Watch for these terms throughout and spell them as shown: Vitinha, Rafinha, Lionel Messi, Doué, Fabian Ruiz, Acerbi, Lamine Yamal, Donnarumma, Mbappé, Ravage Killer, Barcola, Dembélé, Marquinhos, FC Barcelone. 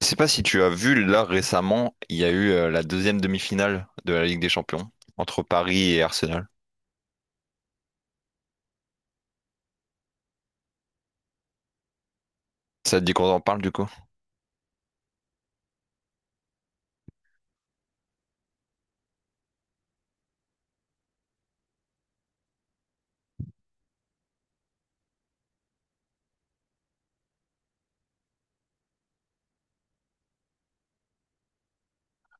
Je sais pas si tu as vu, là récemment, il y a eu la deuxième demi-finale de la Ligue des Champions entre Paris et Arsenal. Ça te dit qu'on en parle du coup?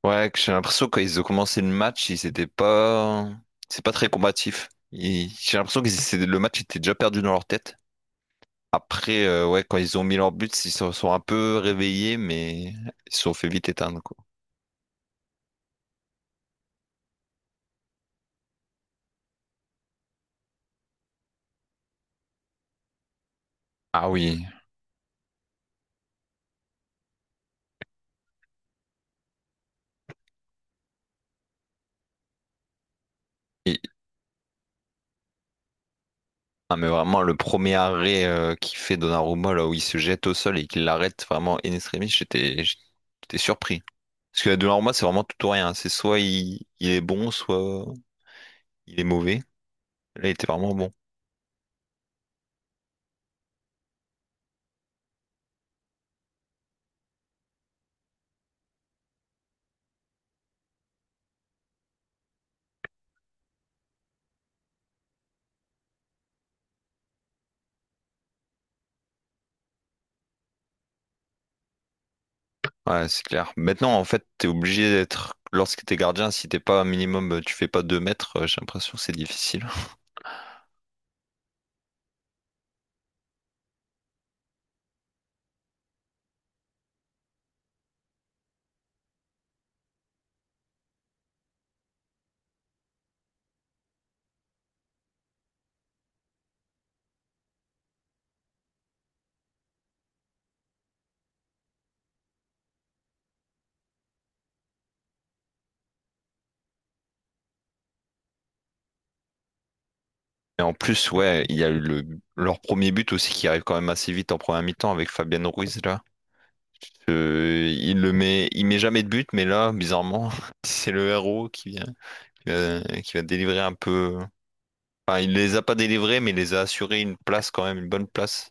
Ouais, que j'ai l'impression que quand ils ont commencé le match, ils étaient pas, c'est pas très combatif. J'ai l'impression que le match était déjà perdu dans leur tête. Après, ouais, quand ils ont mis leur but, ils se sont un peu réveillés, mais ils se sont fait vite éteindre quoi. Ah oui. Et- Ah, mais vraiment, le premier arrêt qu'il fait Donnarumma, là où il se jette au sol et qu'il l'arrête vraiment in extremis, j'étais surpris. Parce que Donnarumma, c'est vraiment tout ou rien. C'est soit il est bon, soit il est mauvais. Là, il était vraiment bon. Ouais, c'est clair. Maintenant, en fait, t'es obligé d'être. Lorsque t'es gardien, si t'es pas un minimum, tu fais pas deux mètres, j'ai l'impression que c'est difficile. Et en plus, ouais, il y a eu le, leur premier but aussi qui arrive quand même assez vite en première mi-temps avec Fabian Ruiz là. Il met jamais de but, mais là, bizarrement, c'est le héros qui vient, qui va délivrer un peu. Enfin, il les a pas délivrés, mais il les a assurés une place quand même, une bonne place.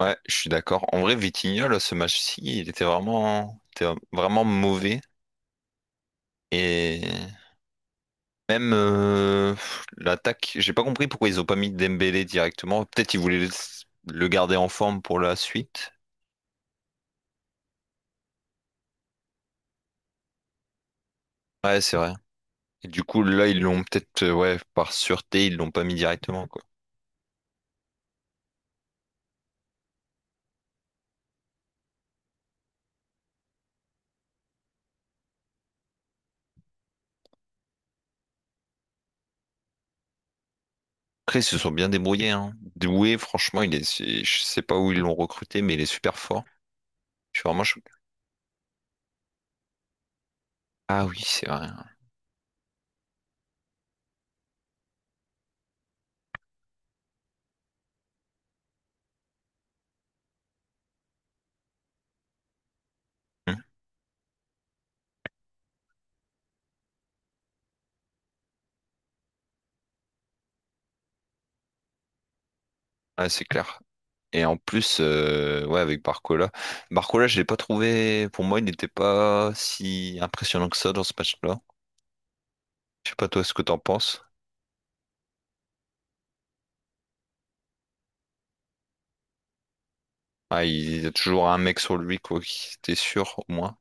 Ouais, je suis d'accord. En vrai, Vitinha, là, ce match-ci, il était vraiment mauvais. Et Même l'attaque, j'ai pas compris pourquoi ils ont pas mis Dembélé directement. Peut-être ils voulaient le garder en forme pour la suite. Ouais, c'est vrai. Et du coup, là, ils l'ont peut-être, ouais, par sûreté, ils l'ont pas mis directement, quoi. Après, ils se sont bien débrouillés, hein. Doué, franchement, je sais pas où ils l'ont recruté, mais il est super fort. Je suis vraiment choqué. Ah oui, c'est vrai. Hmm. Ouais, c'est clair. Et en plus, ouais, avec Barcola. Barcola, je l'ai pas trouvé. Pour moi, il n'était pas si impressionnant que ça dans ce match-là. Je sais pas toi ce que t'en penses. Ah, il y a toujours un mec sur lui, quoi, qui t'es sûr, au moins.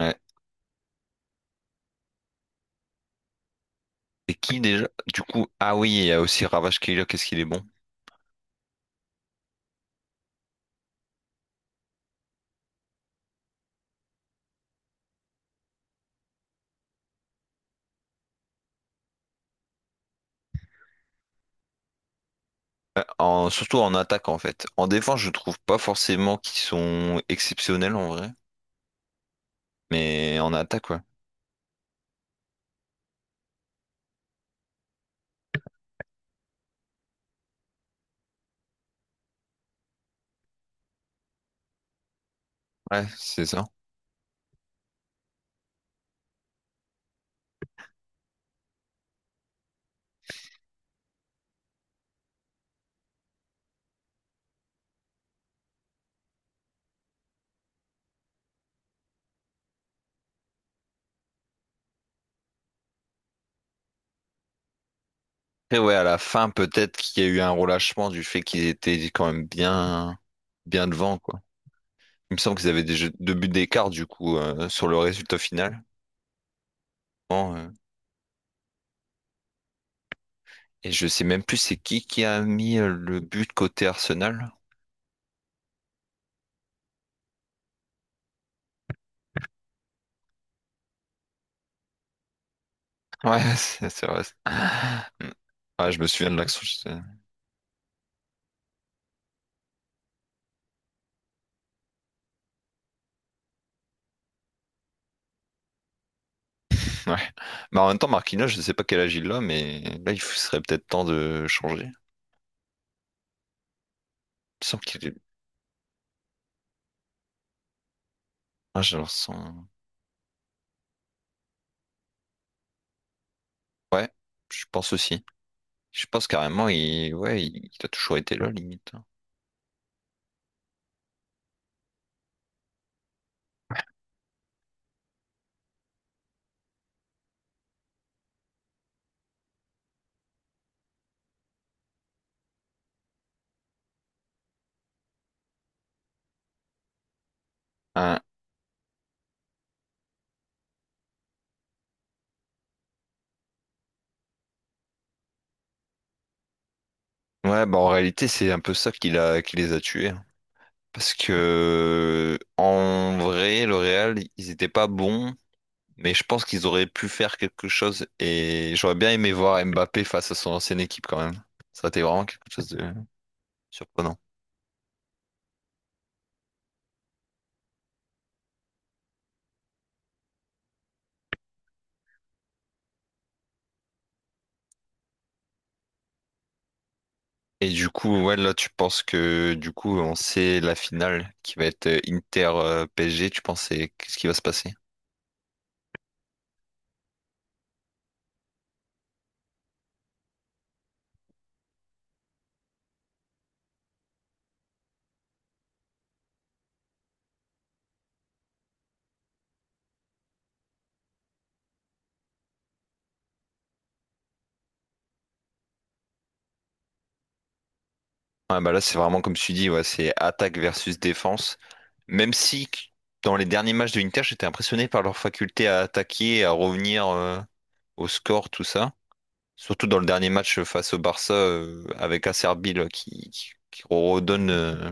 Ouais. Et qui déjà? Du coup, ah oui, il y a aussi Ravage Killer, qu'est-ce qu'il est bon? Surtout en attaque, en fait. En défense, je trouve pas forcément qu'ils sont exceptionnels, en vrai. Mais en attaque, ouais. Ouais, c'est ça. Après, ouais, à la fin, peut-être qu'il y a eu un relâchement du fait qu'ils étaient quand même bien devant, quoi. Il me semble qu'ils avaient deux buts d'écart, du coup, sur le résultat final. Bon, euh, et je sais même plus c'est qui a mis le but côté Arsenal. Ouais, c'est vrai. Mm. Ouais, je me souviens de l'action. Je sais. Ouais. Mais en même temps, Marquinhos, je sais pas quel âge il a, mais là, il serait peut-être temps de changer. Il me semble qu'il est... Ah, j'ai l'impression- Ouais, je pense aussi. Je pense carrément, ouais, il a toujours été là, limite. Hein. Ouais, bah en réalité, c'est un peu ça qui les a tués, hein. Parce que, en vrai, le Real, ils étaient pas bons, mais je pense qu'ils auraient pu faire quelque chose. Et j'aurais bien aimé voir Mbappé face à son ancienne équipe, quand même. Ça aurait été vraiment quelque chose de surprenant. Et du coup, ouais, là, tu penses que du coup, on sait la finale qui va être Inter PSG, tu penses c'est qu'est-ce qui va se passer? Ouais, bah là, c'est vraiment comme tu dis, ouais, c'est attaque versus défense. Même si qu- dans les derniers matchs de l'Inter, j'étais impressionné par leur faculté à attaquer, à revenir au score, tout ça. Surtout dans le dernier match face au Barça, avec Acerbi là,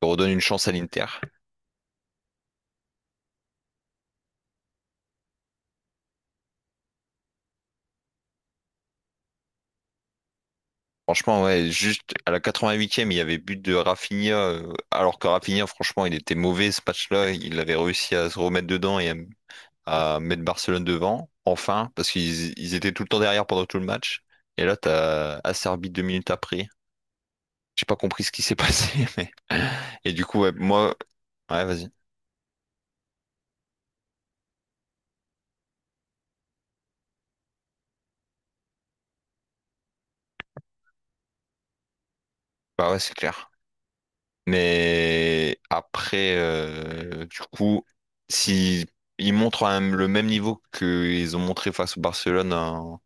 qui redonne une chance à l'Inter. Franchement, ouais, juste à la 88e, il y avait but de Rafinha, alors que Rafinha, franchement, il était mauvais ce match-là. Il avait réussi à se remettre dedans et à mettre Barcelone devant, enfin, parce qu'ils ils étaient tout le temps derrière pendant tout le match. Et là, t'as Acerbi deux minutes après. J'ai pas compris ce qui s'est passé, mais... Et du coup, ouais, moi... Ouais, vas-y. Bah ouais, c'est clair. Mais après, du coup, si ils montrent le même niveau qu'ils ont montré face au Barcelone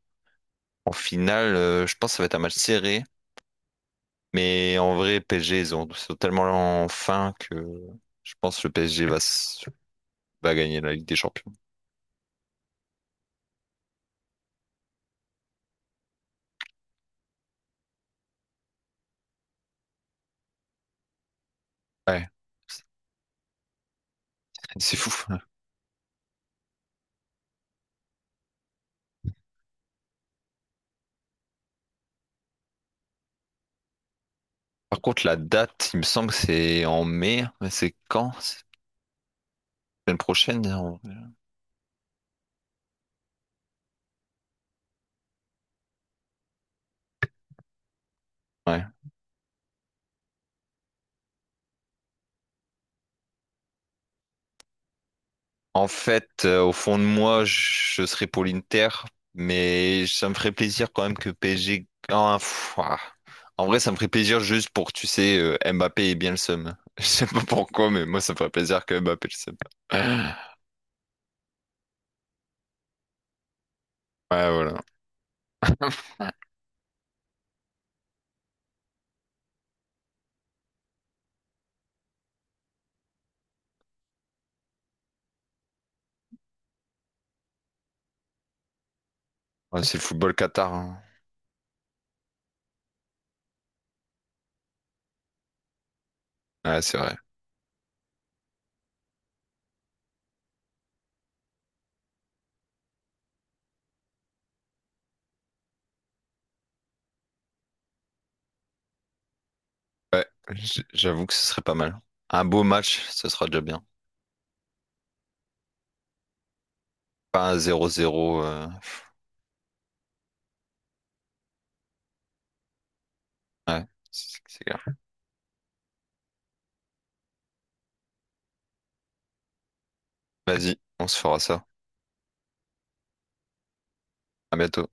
en finale, je pense que ça va être un match serré. Mais en vrai, ils sont tellement en fin que je pense que le PSG va gagner la Ligue des Champions. Ouais, c'est fou. Par contre, la date, il me semble que c'est en mai. Mais c'est quand? C'est la semaine prochaine? Ouais. En fait, au fond de moi, je serais pour l'Inter, mais ça me ferait plaisir quand même que PSG gagne. Pff, ah. En vrai, ça me ferait plaisir juste pour tu sais, Mbappé ait bien le seum. Je sais pas pourquoi, mais moi, ça me ferait plaisir que Mbappé ait le seum. Ouais, voilà. Ouais, c'est le football Qatar, hein. Ouais, c'est vrai. Ouais, j'avoue que ce serait pas mal. Un beau match, ce sera déjà bien. Pas un 0-0. Ouais, c'est clair. Vas-y, on se fera ça. À bientôt.